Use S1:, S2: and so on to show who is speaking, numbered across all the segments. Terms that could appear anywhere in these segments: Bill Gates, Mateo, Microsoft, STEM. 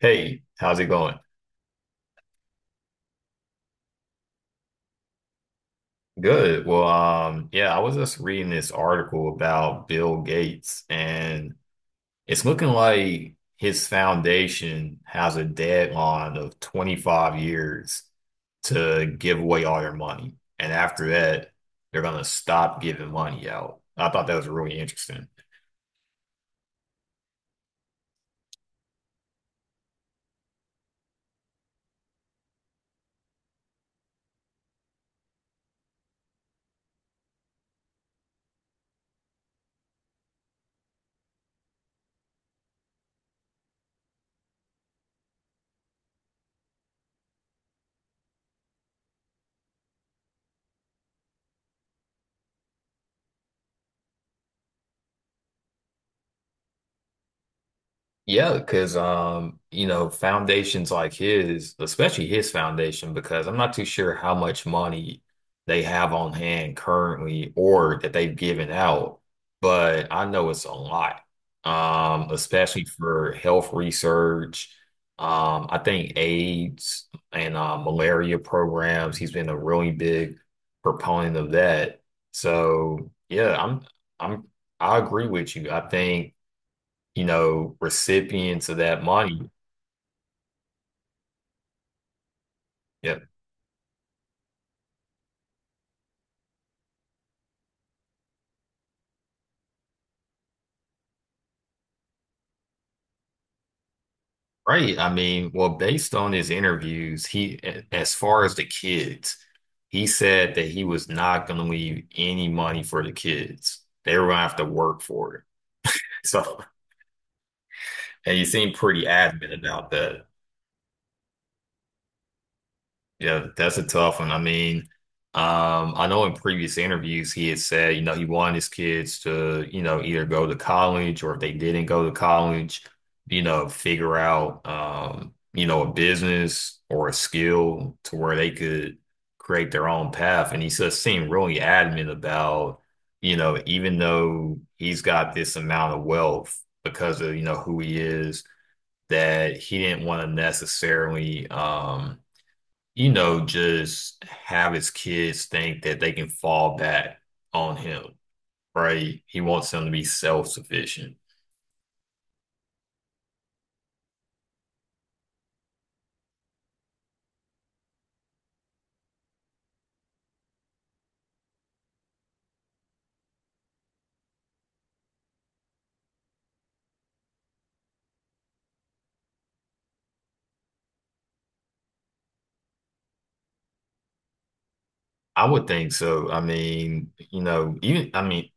S1: Hey, how's it going? Good. Well, yeah, I was just reading this article about Bill Gates, and it's looking like his foundation has a deadline of 25 years to give away all their money. And after that, they're gonna stop giving money out. I thought that was really interesting. Yeah, because foundations like his, especially his foundation, because I'm not too sure how much money they have on hand currently or that they've given out, but I know it's a lot. Especially for health research. I think AIDS and malaria programs, he's been a really big proponent of that. So yeah, I'm I agree with you. I think recipients of that money. Yeah, right. I mean, well, based on his interviews, he, as far as the kids, he said that he was not going to leave any money for the kids. They were going to have to work for it. So, and he seemed pretty adamant about that. Yeah, that's a tough one. I mean, I know in previous interviews he had said, he wanted his kids to, either go to college or if they didn't go to college, figure out, a business or a skill to where they could create their own path. And he just seemed really adamant about, even though he's got this amount of wealth because of, who he is, that he didn't want to necessarily, just have his kids think that they can fall back on him, right? He wants them to be self-sufficient. I would think so. I mean, even I mean,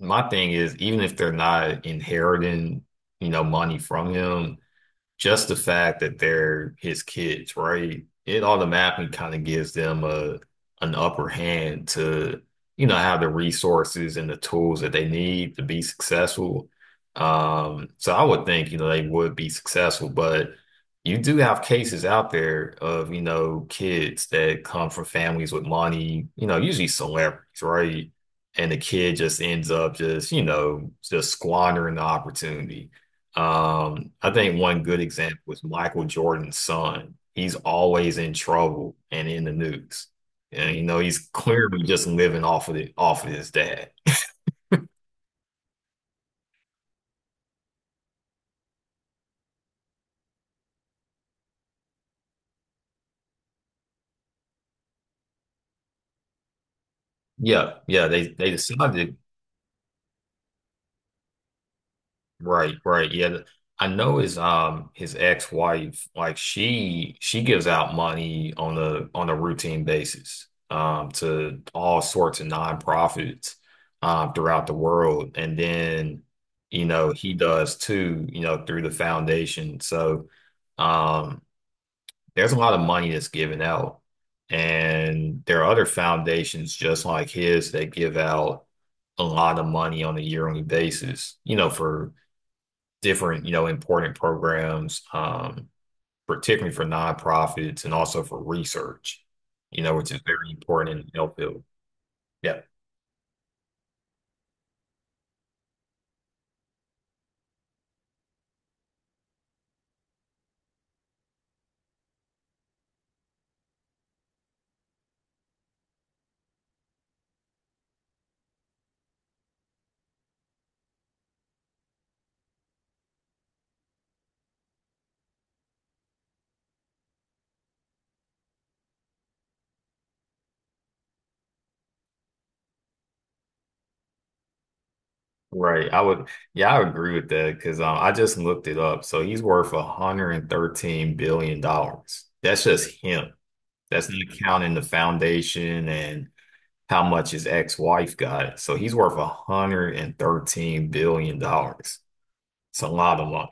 S1: my thing is even if they're not inheriting, money from him, just the fact that they're his kids, right? It automatically kind of gives them a an upper hand to, have the resources and the tools that they need to be successful. So I would think, they would be successful, but you do have cases out there of, kids that come from families with money, usually celebrities, right? And the kid just ends up just, just squandering the opportunity. I think one good example is Michael Jordan's son. He's always in trouble and in the news. And he's clearly just living off of it, off of his dad. Yeah, yeah, they decided right, right. Yeah. I know his ex-wife, like she gives out money on a routine basis to all sorts of nonprofits throughout the world. And then, he does too, through the foundation. So um there's a lot of money that's given out. And there are other foundations just like his that give out a lot of money on a yearly basis, for different, important programs, particularly for nonprofits and also for research, which is very important in the health field. Yeah, right. I would, yeah, I would agree with that because I just looked it up. So he's worth $113 billion dollars. That's just him. That's not counting the foundation and how much his ex-wife got. So he's worth $113 billion dollars. It's a lot of money.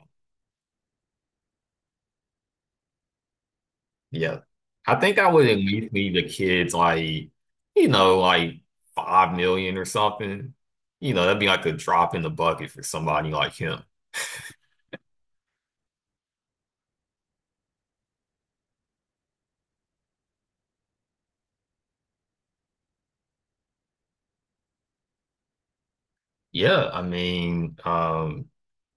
S1: Yeah. I think I would at least leave the kids like, like 5 million or something. That'd be like a drop in the bucket for somebody like him. Yeah, I mean,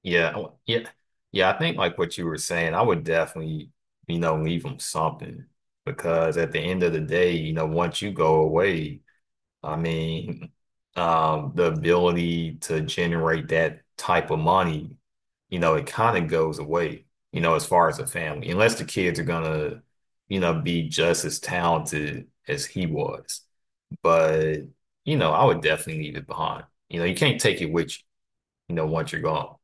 S1: yeah, yeah, yeah. I think like what you were saying, I would definitely, leave them something because at the end of the day, once you go away, I mean, the ability to generate that type of money, it kind of goes away, as far as a family, unless the kids are gonna, be just as talented as he was. But, I would definitely leave it behind. You can't take it with you, once you're gone.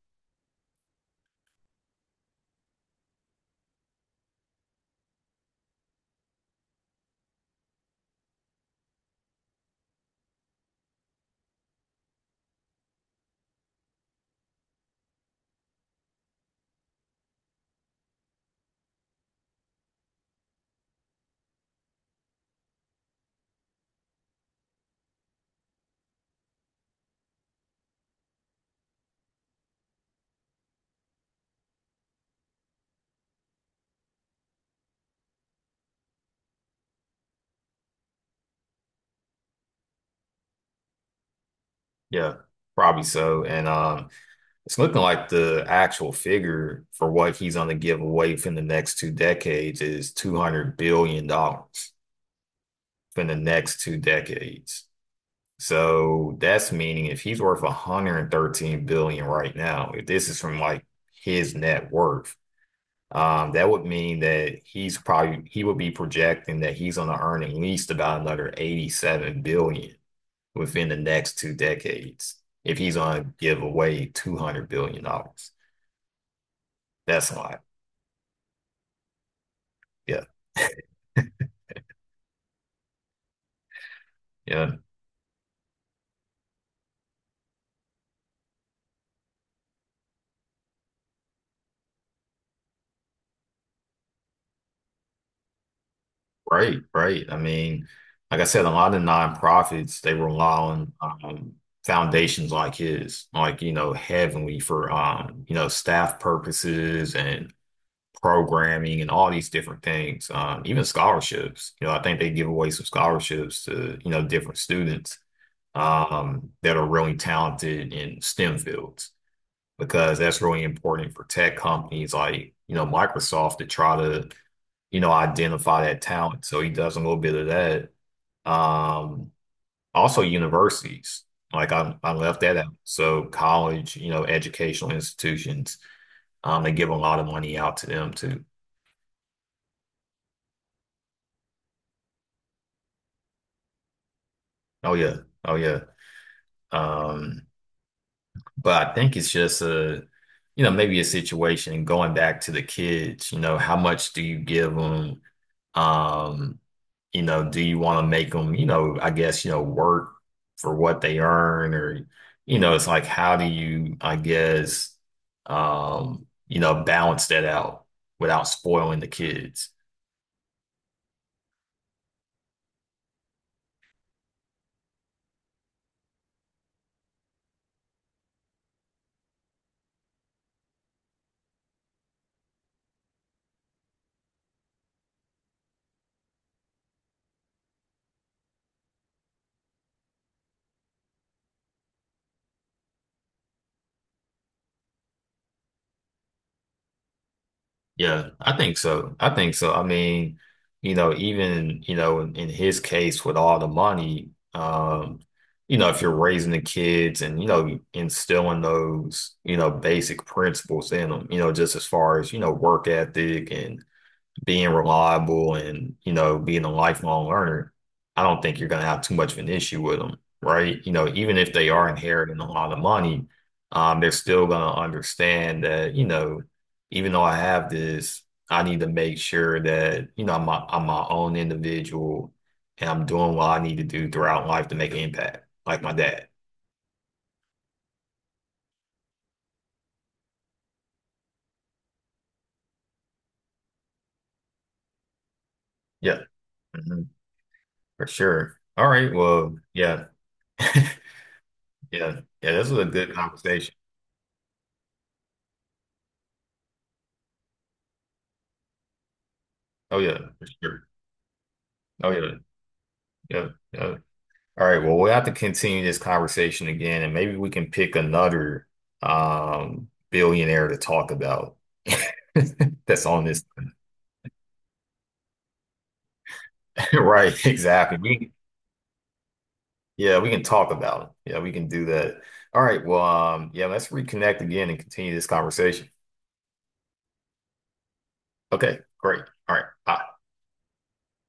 S1: Yeah, probably so. And it's looking like the actual figure for what he's gonna give away from the next two decades is $200 billion dollars. For the next two decades. So that's meaning if he's worth $113 billion right now, if this is from like his net worth, that would mean that he's probably he would be projecting that he's going to earn at least about another $87 billion within the next two decades if he's going to give away $200 billion. That's a lot. Yeah. Yeah. Right, right. I mean, like I said, a lot of nonprofits they rely on foundations like his, like Heavenly for staff purposes and programming and all these different things. Even scholarships. I think they give away some scholarships to different students that are really talented in STEM fields because that's really important for tech companies like Microsoft to try to identify that talent. So he does a little bit of that. Um, also universities. Like I left that out. So college, educational institutions, they give a lot of money out to them too. Oh yeah. Oh yeah. Um, but I think it's just a, maybe a situation going back to the kids, how much do you give them? Um, do you want to make them, I guess, work for what they earn or, it's like, how do you, I guess, balance that out without spoiling the kids? Yeah, I think so. I think so. I mean, even, in his case with all the money, if you're raising the kids and, instilling those, basic principles in them, just as far as, work ethic and, being reliable and, being a lifelong learner, I don't think you're going to have too much of an issue with them, right? Even if they are inheriting a lot of money, they're still going to understand that, even though I have this, I need to make sure that, I'm my own individual and I'm doing what I need to do throughout life to make an impact, like my dad. Yeah, mhm, for sure. All right. Well, yeah. Yeah. Yeah. This was a good conversation. Oh, yeah, for sure. Oh, yeah. Yep, yep. All right. Well, we'll have to continue this conversation again, and maybe we can pick another billionaire to talk about that's on this. Right, exactly. We yeah, we can talk about it. Yeah, we can do that. All right. Well, yeah, let's reconnect again and continue this conversation. Okay, great. All right. Bye.